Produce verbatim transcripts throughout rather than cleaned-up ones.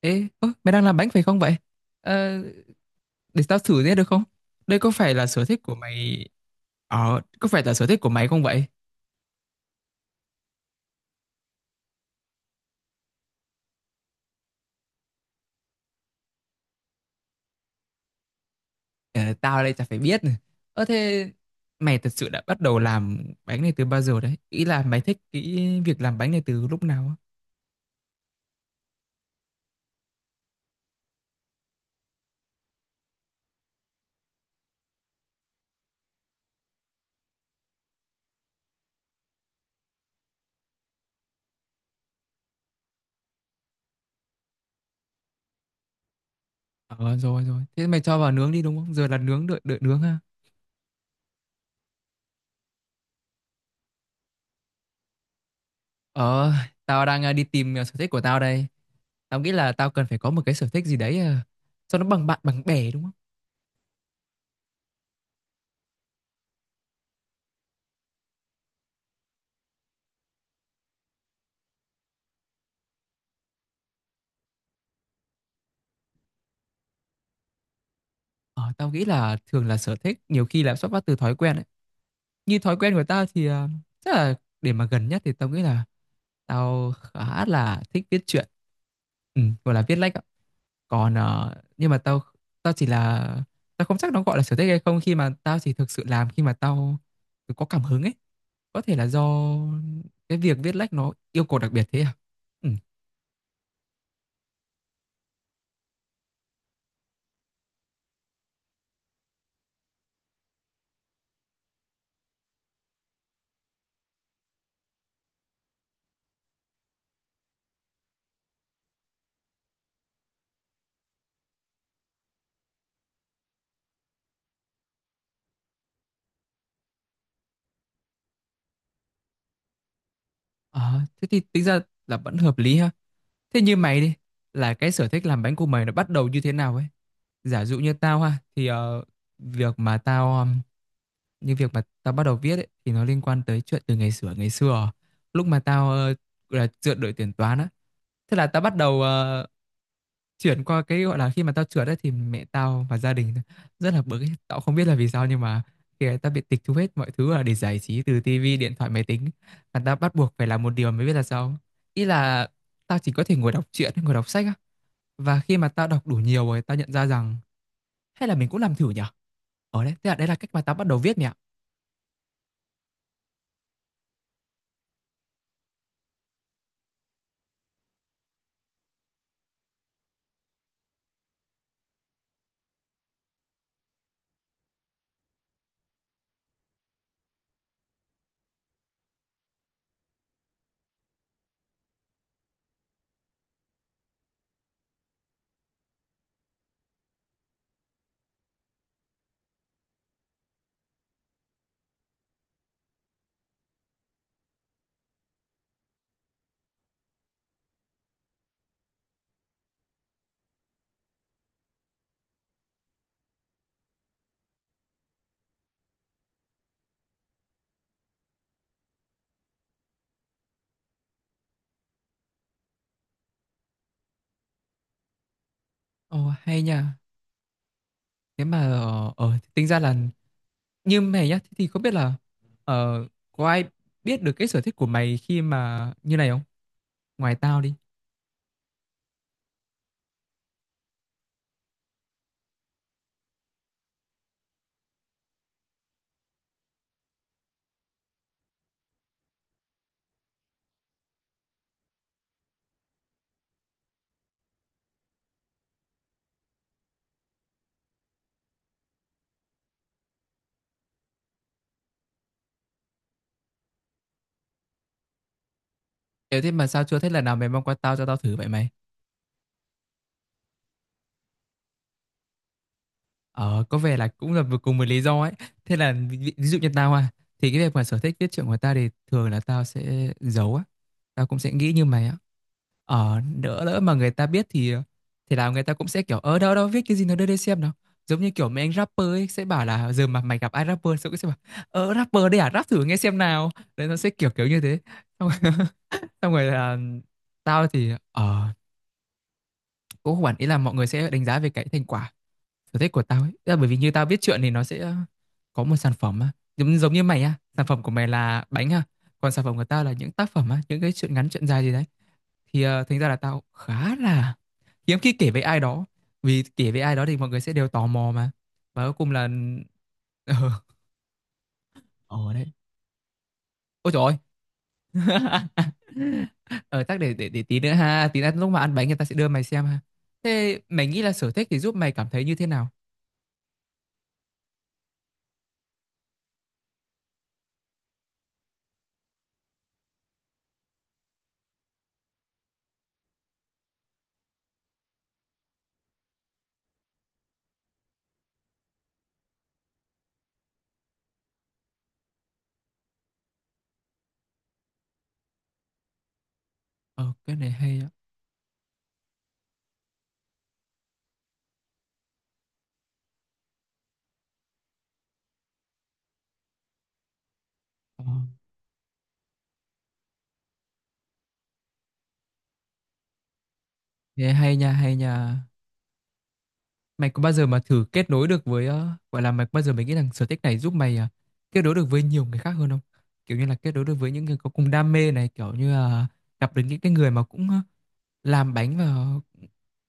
Ê, ơ, mày đang làm bánh phải không vậy? Ờ, để tao thử thế được không? Đây có phải là sở thích của mày... Ờ, có phải là sở thích của mày không vậy? Ờ, tao đây chả phải biết. Ơ thế mày thật sự đã bắt đầu làm bánh này từ bao giờ đấy? Ý là mày thích cái việc làm bánh này từ lúc nào á? Ờ, rồi rồi. Thế mày cho vào nướng đi đúng không? Giờ là nướng, đợi, đợi nướng ha. Ờ, tao đang ờ, đi tìm ờ, sở thích của tao đây. Tao nghĩ là tao cần phải có một cái sở thích gì đấy ờ, cho nó bằng bạn bằng bè đúng không? Ờ, tao nghĩ là thường là sở thích nhiều khi là xuất phát từ thói quen ấy. Như thói quen của tao thì ờ, chắc là để mà gần nhất thì tao nghĩ là tao khá là thích viết truyện. Ừ, gọi là viết lách ạ. Còn ờ, nhưng mà tao tao chỉ là tao không chắc nó gọi là sở thích hay không khi mà tao chỉ thực sự làm khi mà tao có cảm hứng ấy. Có thể là do cái việc viết lách nó yêu cầu đặc biệt thế à? Ừ. Ờ, thế thì tính ra là vẫn hợp lý ha. Thế như mày đi, là cái sở thích làm bánh của mày nó bắt đầu như thế nào ấy? Giả dụ như tao ha, thì ờ, việc mà tao um, như việc mà tao bắt đầu viết ấy, thì nó liên quan tới chuyện từ ngày xưa ngày xưa lúc mà tao ờ, gọi là dựa đội tuyển toán á, thế là tao bắt đầu ờ, chuyển qua cái gọi là khi mà tao trượt ấy thì mẹ tao và gia đình rất là bực ấy. Tao không biết là vì sao nhưng mà khi ấy tao bị tịch thu hết mọi thứ là để giải trí từ tivi, điện thoại, máy tính và tao bắt buộc phải làm một điều mới biết là sao. Ý là tao chỉ có thể ngồi đọc truyện, ngồi đọc sách á. Và khi mà tao đọc đủ nhiều rồi tao nhận ra rằng hay là mình cũng làm thử nhở? Ở đấy, thế là đấy là cách mà tao bắt đầu viết mẹ ạ. Ồ hay nha. Thế mà ờ ờ, tính ra là như mày nhá thì thì không biết là ờ, có ai biết được cái sở thích của mày khi mà như này không? Ngoài tao đi. Thế thế mà sao chưa thấy lần nào mày mang qua tao cho tao thử vậy mày? Ờ, có vẻ là cũng là vừa cùng một lý do ấy. Thế là ví, ví ví dụ như tao à, thì cái việc mà sở thích viết truyện của tao thì thường là tao sẽ giấu á. Tao cũng sẽ nghĩ như mày á. Ờ, đỡ lỡ mà người ta biết thì thì là người ta cũng sẽ kiểu ở đâu đâu viết cái gì nó đưa đây xem nào. Giống như kiểu mấy anh rapper ấy sẽ bảo là giờ mà mày gặp ai rapper sẽ cũng sẽ bảo ờ rapper đây à rap thử nghe xem nào. Đấy nó sẽ kiểu kiểu như thế. Xong rồi, xong rồi là tao thì ờ cũng không hẳn ý là mọi người sẽ đánh giá về cái thành quả sở thích của tao ấy. Tức là bởi vì như tao viết truyện thì nó sẽ ờ, có một sản phẩm á. Giống giống như mày á, sản phẩm của mày là bánh ha, còn sản phẩm của tao là những tác phẩm á, những cái chuyện ngắn chuyện dài gì đấy thì ờ, thành ra là tao khá là hiếm khi kể với ai đó, vì kể với ai đó thì mọi người sẽ đều tò mò mà và cuối cùng là ờ ờ đấy. Ôi trời ơi ờ chắc để để để tí nữa ha, tí nữa lúc mà ăn bánh người ta sẽ đưa mày xem ha. Thế mày nghĩ là sở thích thì giúp mày cảm thấy như thế nào? Ờ cái này hay á. Ờ. Thế hay nha, hay nha. Mày có bao giờ mà thử kết nối được với ờ, gọi là mày có bao giờ mày nghĩ rằng sở thích này giúp mày ờ, kết nối được với nhiều người khác hơn không? Kiểu như là kết nối được với những người có cùng đam mê này, kiểu như là gặp được những cái người mà cũng ờ, làm bánh và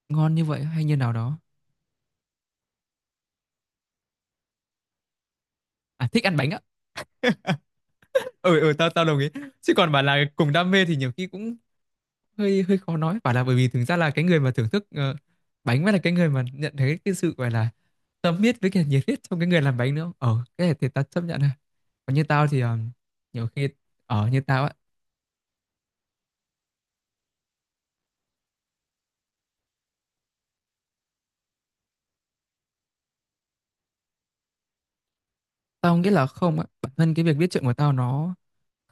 ngon như vậy hay như nào đó. À thích ăn bánh á. Ừ ừ, tao tao đồng ý. Chứ còn bảo là cùng đam mê thì nhiều khi cũng hơi hơi khó nói, bảo là bởi vì thực ra là cái người mà thưởng thức ờ, bánh mới là cái người mà nhận thấy cái sự gọi là tâm huyết với cả nhiệt huyết trong cái người làm bánh nữa. Ờ cái này thì tao chấp nhận. Còn như tao thì ờ, nhiều khi ở như tao á, tao nghĩ là không á, bản thân cái việc viết truyện của tao nó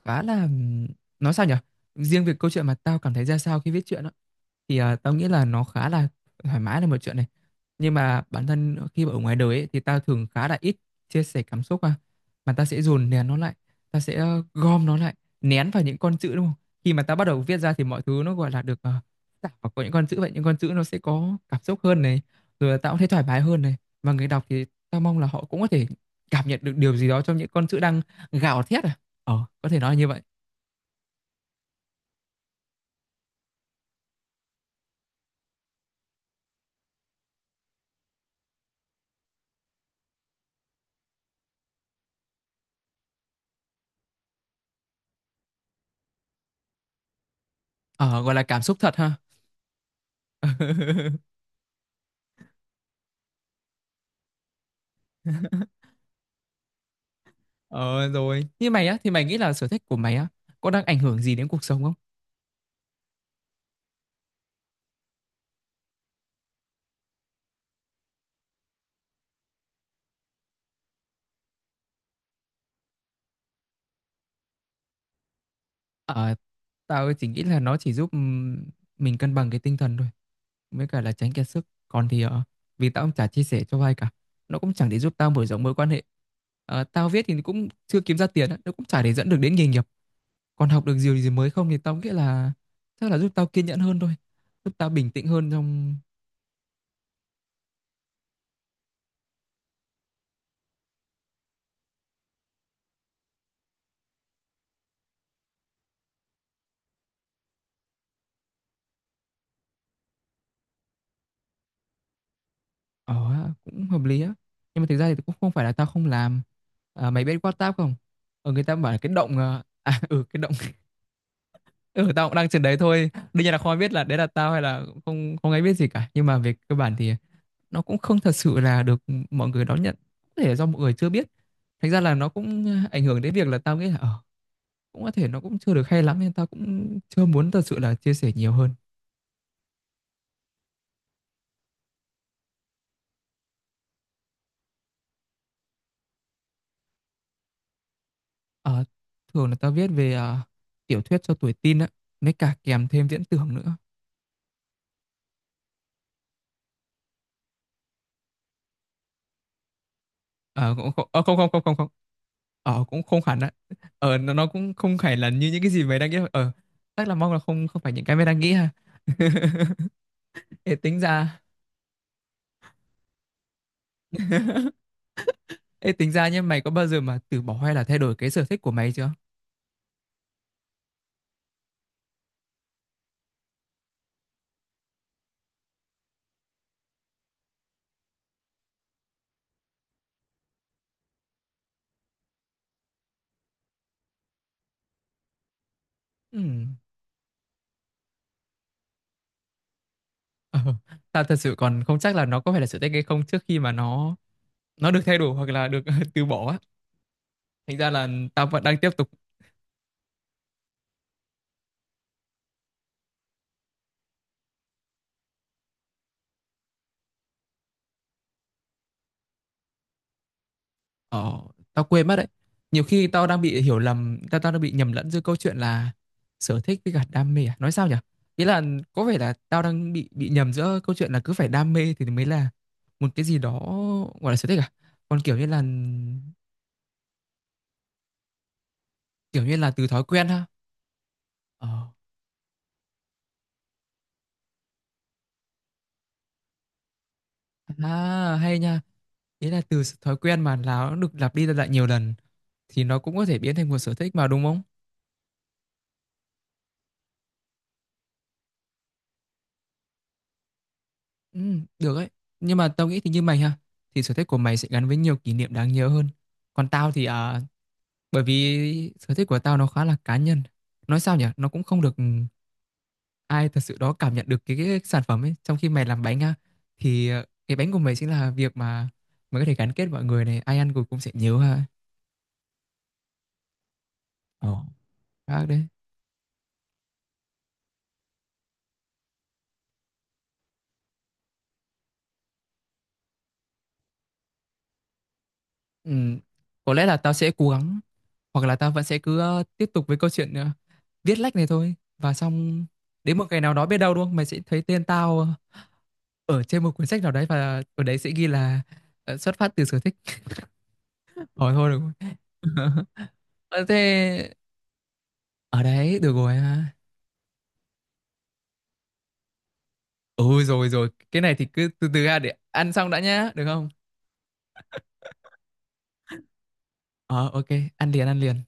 khá là ừm, nói sao nhỉ? Riêng việc câu chuyện mà tao cảm thấy ra sao khi viết truyện á thì à, tao nghĩ là nó khá là thoải mái là một chuyện này, nhưng mà bản thân khi mà ở ngoài đời ấy, thì tao thường khá là ít chia sẻ cảm xúc, à mà tao sẽ dồn nén nó lại, tao sẽ ờ, gom nó lại, nén vào những con chữ đúng không, khi mà tao bắt đầu viết ra thì mọi thứ nó gọi là được uh, tạo vào có những con chữ vậy, những con chữ nó sẽ có cảm xúc hơn này, rồi là tao cũng thấy thoải mái hơn này, và người đọc thì tao mong là họ cũng có thể cảm nhận được điều gì đó trong những con chữ đang gào thét à, ờ có thể nói là như vậy. Ờ gọi là cảm xúc thật ha. Ờ rồi. Như mày á, thì mày nghĩ là sở thích của mày á, có đang ảnh hưởng gì đến cuộc sống không? Ờ, tao chỉ nghĩ là nó chỉ giúp ừm, mình cân bằng cái tinh thần thôi, với cả là tránh kiệt sức. Còn thì ờ, vì tao cũng chả chia sẻ cho ai cả, nó cũng chẳng để giúp tao mở rộng mối quan hệ. Ờ, tao viết thì cũng chưa kiếm ra tiền, á, nó cũng chả để dẫn được đến nghề nghiệp. Còn học được điều gì mới không thì tao nghĩ là chắc là giúp tao kiên nhẫn hơn thôi, giúp tao bình tĩnh hơn trong. Ờ, ha, cũng hợp lý á. Nhưng mà thực ra thì cũng không phải là tao không làm. À, mày biết WhatsApp không? Ờ, người ta bảo là cái động... ờ, À, ừ, cái động... Ừ, tao cũng đang trên đấy thôi. Đương nhiên là không ai biết là đấy là tao hay là không không ai biết gì cả. Nhưng mà về cơ bản thì nó cũng không thật sự là được mọi người đón nhận. Có thể là do mọi người chưa biết. Thành ra là nó cũng ảnh hưởng đến việc là tao nghĩ là... Ờ, cũng có thể nó cũng chưa được hay lắm nên tao cũng chưa muốn thật sự là chia sẻ nhiều hơn. Ờ, thường là tao viết về ờ, tiểu thuyết cho tuổi teen á. Mới cả kèm thêm viễn tưởng nữa. Ờ cũng không ờ, không không không không không Ờ cũng không hẳn á, ờ nó, nó cũng không phải là như những cái gì mày đang nghĩ đâu. Ờ chắc là mong là không không phải những cái mày đang nghĩ ha. Ê tính ra, ê tính ra nhé, mày có bao giờ mà từ bỏ hay là thay đổi cái sở thích của mày chưa? Ừm, ờ, tao thật sự còn không chắc là nó có phải là sở thích hay không trước khi mà nó nó được thay đổi hoặc là được từ bỏ á, thành ra là tao vẫn đang tiếp tục. Ờ, tao quên mất đấy. Nhiều khi tao đang bị hiểu lầm, tao tao đang bị nhầm lẫn giữa câu chuyện là sở thích với cả đam mê à? Nói sao nhỉ? Ý là có vẻ là tao đang bị bị nhầm giữa câu chuyện là cứ phải đam mê thì mới là một cái gì đó gọi là sở thích à? Còn kiểu như là kiểu như là từ thói quen ha. Ờ. À, hay nha. Ý là từ thói quen mà nó được lặp đi lặp lại nhiều lần thì nó cũng có thể biến thành một sở thích mà đúng không? Ừ, được ấy. Nhưng mà tao nghĩ thì như mày ha, thì sở thích của mày sẽ gắn với nhiều kỷ niệm đáng nhớ hơn. Còn tao thì à, bởi vì sở thích của tao nó khá là cá nhân. Nói sao nhỉ, nó cũng không được ừ, ai thật sự đó cảm nhận được cái, cái sản phẩm ấy. Trong khi mày làm bánh ha thì ờ, cái bánh của mày chính là việc mà mày có thể gắn kết mọi người này, ai ăn rồi cũng sẽ nhớ ha. Ồ. Khác đấy. Ừ, có lẽ là tao sẽ cố gắng hoặc là tao vẫn sẽ cứ ờ, tiếp tục với câu chuyện ờ, viết lách này thôi và xong đến một ngày nào đó biết đâu đúng không mày sẽ thấy tên tao ở trên một cuốn sách nào đấy và ở đấy sẽ ghi là ờ, xuất phát từ sở thích. Hỏi thôi được rồi. Ờ, thế ở đấy được rồi ha. Ừ rồi rồi, cái này thì cứ từ từ ra để ăn xong đã nhá được không? Ờ ok, ăn liền ăn liền.